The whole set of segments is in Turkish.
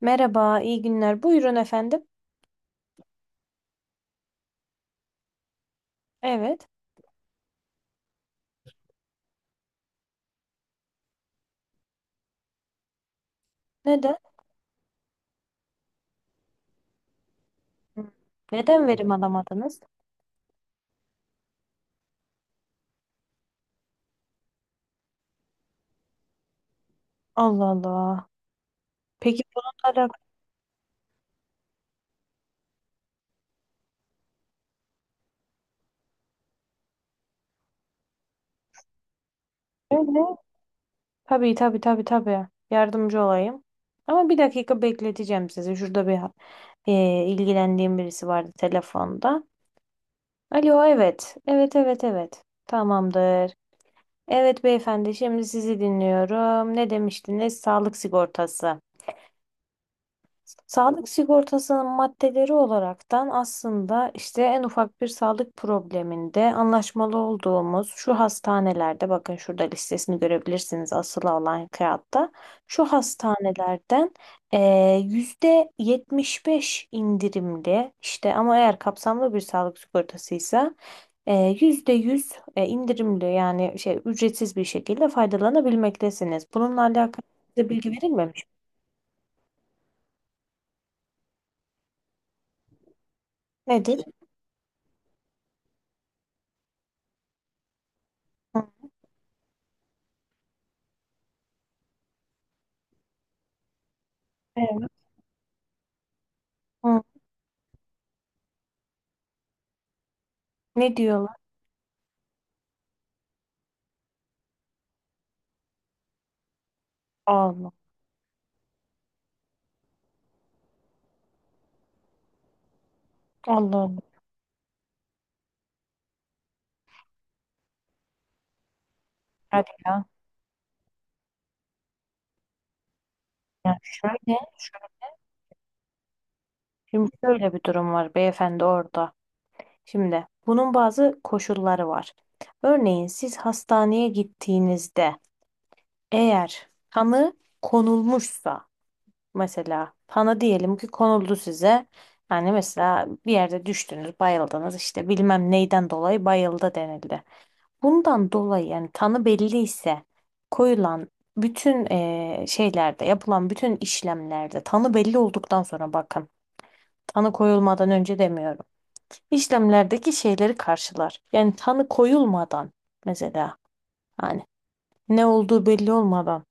Merhaba, iyi günler. Buyurun efendim. Evet. Neden? Hı. Neden verim alamadınız? Allah Allah. Peki bununla alakalı ne? Tabii tabii tabii tabii. Yardımcı olayım. Ama bir dakika bekleteceğim sizi. Şurada bir ilgilendiğim birisi vardı telefonda. Alo, evet. Evet, evet, evet. Tamamdır. Evet beyefendi, şimdi sizi dinliyorum. Ne demiştiniz? Sağlık sigortası. Sağlık sigortasının maddeleri olaraktan aslında işte en ufak bir sağlık probleminde anlaşmalı olduğumuz şu hastanelerde bakın şurada listesini görebilirsiniz asılı olan kağıtta şu hastanelerden %75 indirimli işte ama eğer kapsamlı bir sağlık sigortasıysa %100 indirimli yani şey ücretsiz bir şekilde faydalanabilmektesiniz. Bununla alakalı size bilgi verilmemiş. Nedir? Hı. Evet. Hı. Ne diyorlar? Allah. Allah Allah. Hadi ya. Ya şöyle, şimdi şöyle bir durum var beyefendi orada. Şimdi bunun bazı koşulları var. Örneğin siz hastaneye gittiğinizde eğer tanı konulmuşsa mesela tanı diyelim ki konuldu size. Yani mesela bir yerde düştünüz, bayıldınız işte bilmem neyden dolayı bayıldı denildi. Bundan dolayı yani tanı belli ise koyulan bütün şeylerde yapılan bütün işlemlerde tanı belli olduktan sonra bakın tanı koyulmadan önce demiyorum. İşlemlerdeki şeyleri karşılar. Yani tanı koyulmadan mesela hani ne olduğu belli olmadan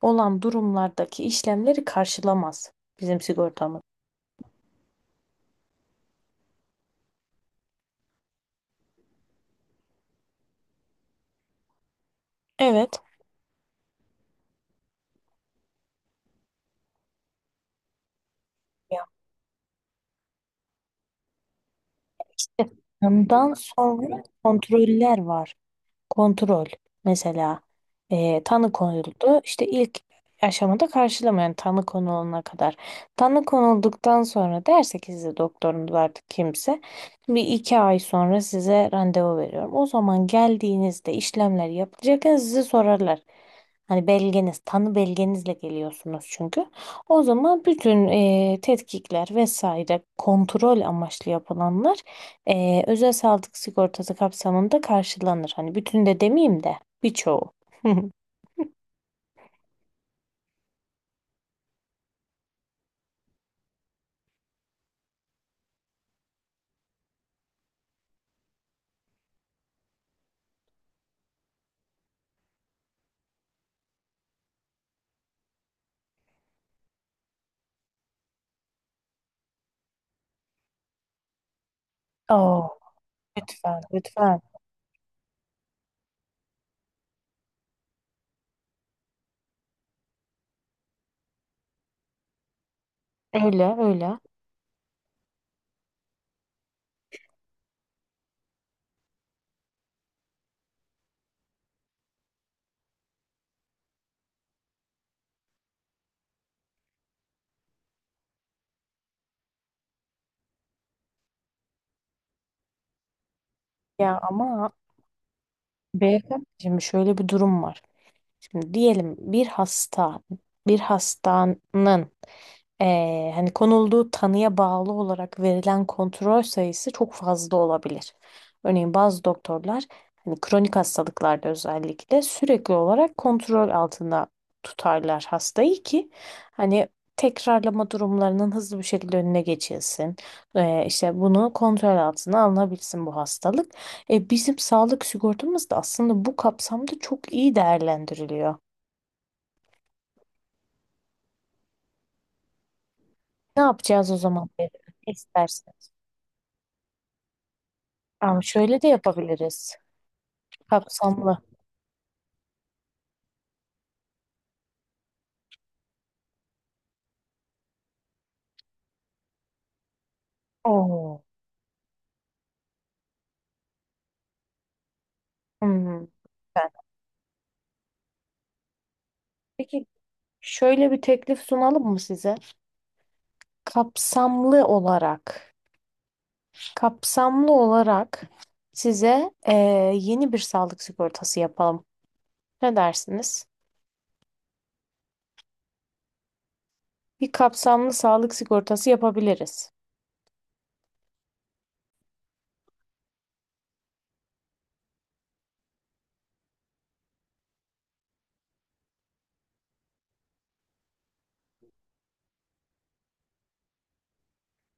olan durumlardaki işlemleri karşılamaz bizim sigortamız. Evet. Ya. Tanıdan sonra kontroller var. Kontrol. Mesela tanı konuldu. İşte ilk aşamada karşılama yani tanı konulana kadar. Tanı konulduktan sonra derse ki size doktorunuz artık kimse bir iki ay sonra size randevu veriyorum. O zaman geldiğinizde işlemler yapılacakken sizi sorarlar. Hani belgeniz, tanı belgenizle geliyorsunuz çünkü. O zaman bütün tetkikler vesaire kontrol amaçlı yapılanlar özel sağlık sigortası kapsamında karşılanır. Hani bütün de demeyeyim de birçoğu. Oo, lütfen, lütfen. Öyle, öyle. Ya ama beyefendi şimdi şöyle bir durum var. Şimdi diyelim bir hasta, bir hastanın hani konulduğu tanıya bağlı olarak verilen kontrol sayısı çok fazla olabilir. Örneğin bazı doktorlar hani kronik hastalıklarda özellikle sürekli olarak kontrol altında tutarlar hastayı ki hani tekrarlama durumlarının hızlı bir şekilde önüne geçilsin. İşte bunu kontrol altına alınabilsin bu hastalık. E, bizim sağlık sigortamız da aslında bu kapsamda çok iyi değerlendiriliyor. Ne yapacağız o zaman? Ne istersin? Ama şöyle de yapabiliriz. Kapsamlı. Oo. Hmm. Ben- Peki şöyle bir teklif sunalım mı size? Kapsamlı olarak, kapsamlı olarak, size yeni bir sağlık sigortası yapalım. Ne dersiniz? Bir kapsamlı sağlık sigortası yapabiliriz.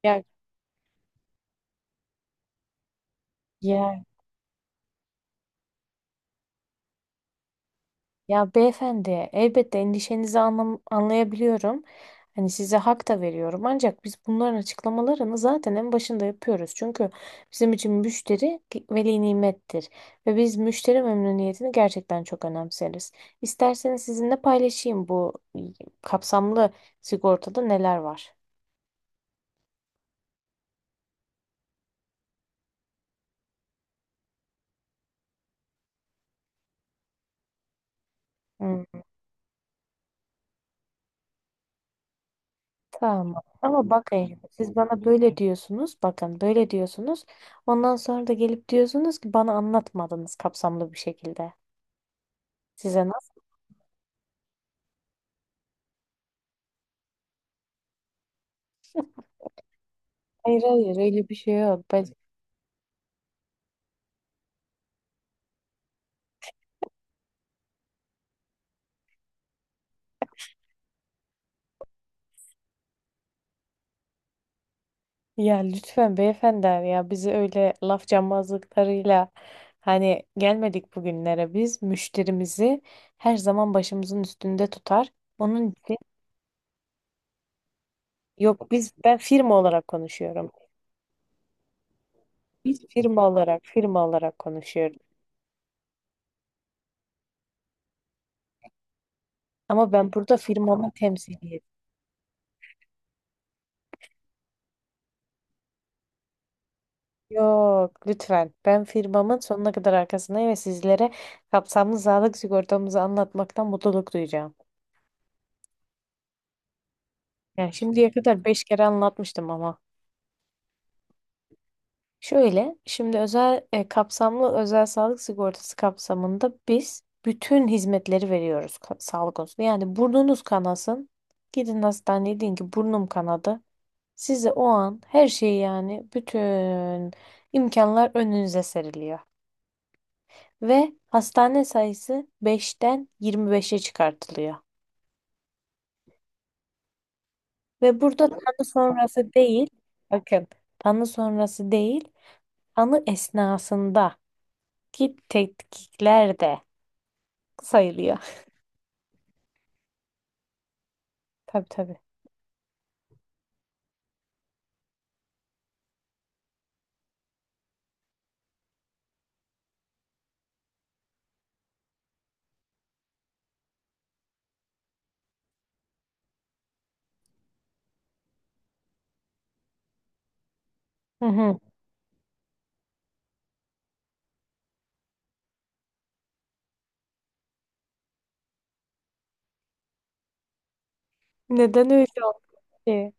Ya, ya Ya beyefendi, elbette endişenizi anlayabiliyorum. Hani size hak da veriyorum. Ancak biz bunların açıklamalarını zaten en başında yapıyoruz. Çünkü bizim için müşteri veli nimettir. Ve biz müşteri memnuniyetini gerçekten çok önemseriz. İsterseniz sizinle paylaşayım bu kapsamlı sigortada neler var. Hmm, tamam. Ama bakın siz bana böyle diyorsunuz. Bakın böyle diyorsunuz. Ondan sonra da gelip diyorsunuz ki bana anlatmadınız kapsamlı bir şekilde. Size nasıl? Hayır hayır öyle bir şey yok. Ya lütfen beyefendi ya bizi öyle laf cambazlıklarıyla hani gelmedik bugünlere biz müşterimizi her zaman başımızın üstünde tutar. Onun için yok ben firma olarak konuşuyorum. Biz firma olarak konuşuyorum. Ama ben burada firmamı temsiliyim. Yok lütfen ben firmamın sonuna kadar arkasındayım ve sizlere kapsamlı sağlık sigortamızı anlatmaktan mutluluk duyacağım. Yani şimdiye kadar 5 kere anlatmıştım ama. Şöyle, şimdi özel kapsamlı özel sağlık sigortası kapsamında biz bütün hizmetleri veriyoruz sağlık konusunda. Yani burnunuz kanasın, gidin hastaneye deyin ki burnum kanadı. Size o an her şeyi yani bütün imkanlar önünüze seriliyor. Ve hastane sayısı 5'ten 25'e çıkartılıyor. Ve burada tanı sonrası değil, bakın tanı sonrası değil, tanı esnasında. Ki tetkikler de sayılıyor. Tabii tabii. Hı hı. Neden öyle oldu ki?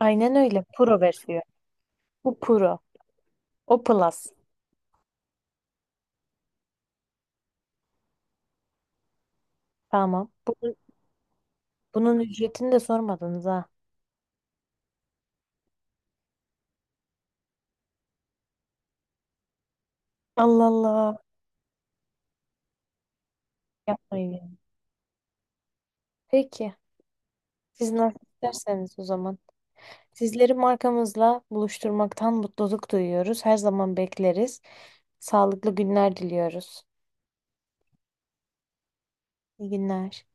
Aynen öyle. Pro versiyon. Bu Pro. O Plus. Tamam. Bunun ücretini de sormadınız ha. Allah Allah. Yapmayın. Yani. Peki. Siz nasıl isterseniz o zaman. Sizleri markamızla buluşturmaktan mutluluk duyuyoruz. Her zaman bekleriz. Sağlıklı günler diliyoruz. İyi günler.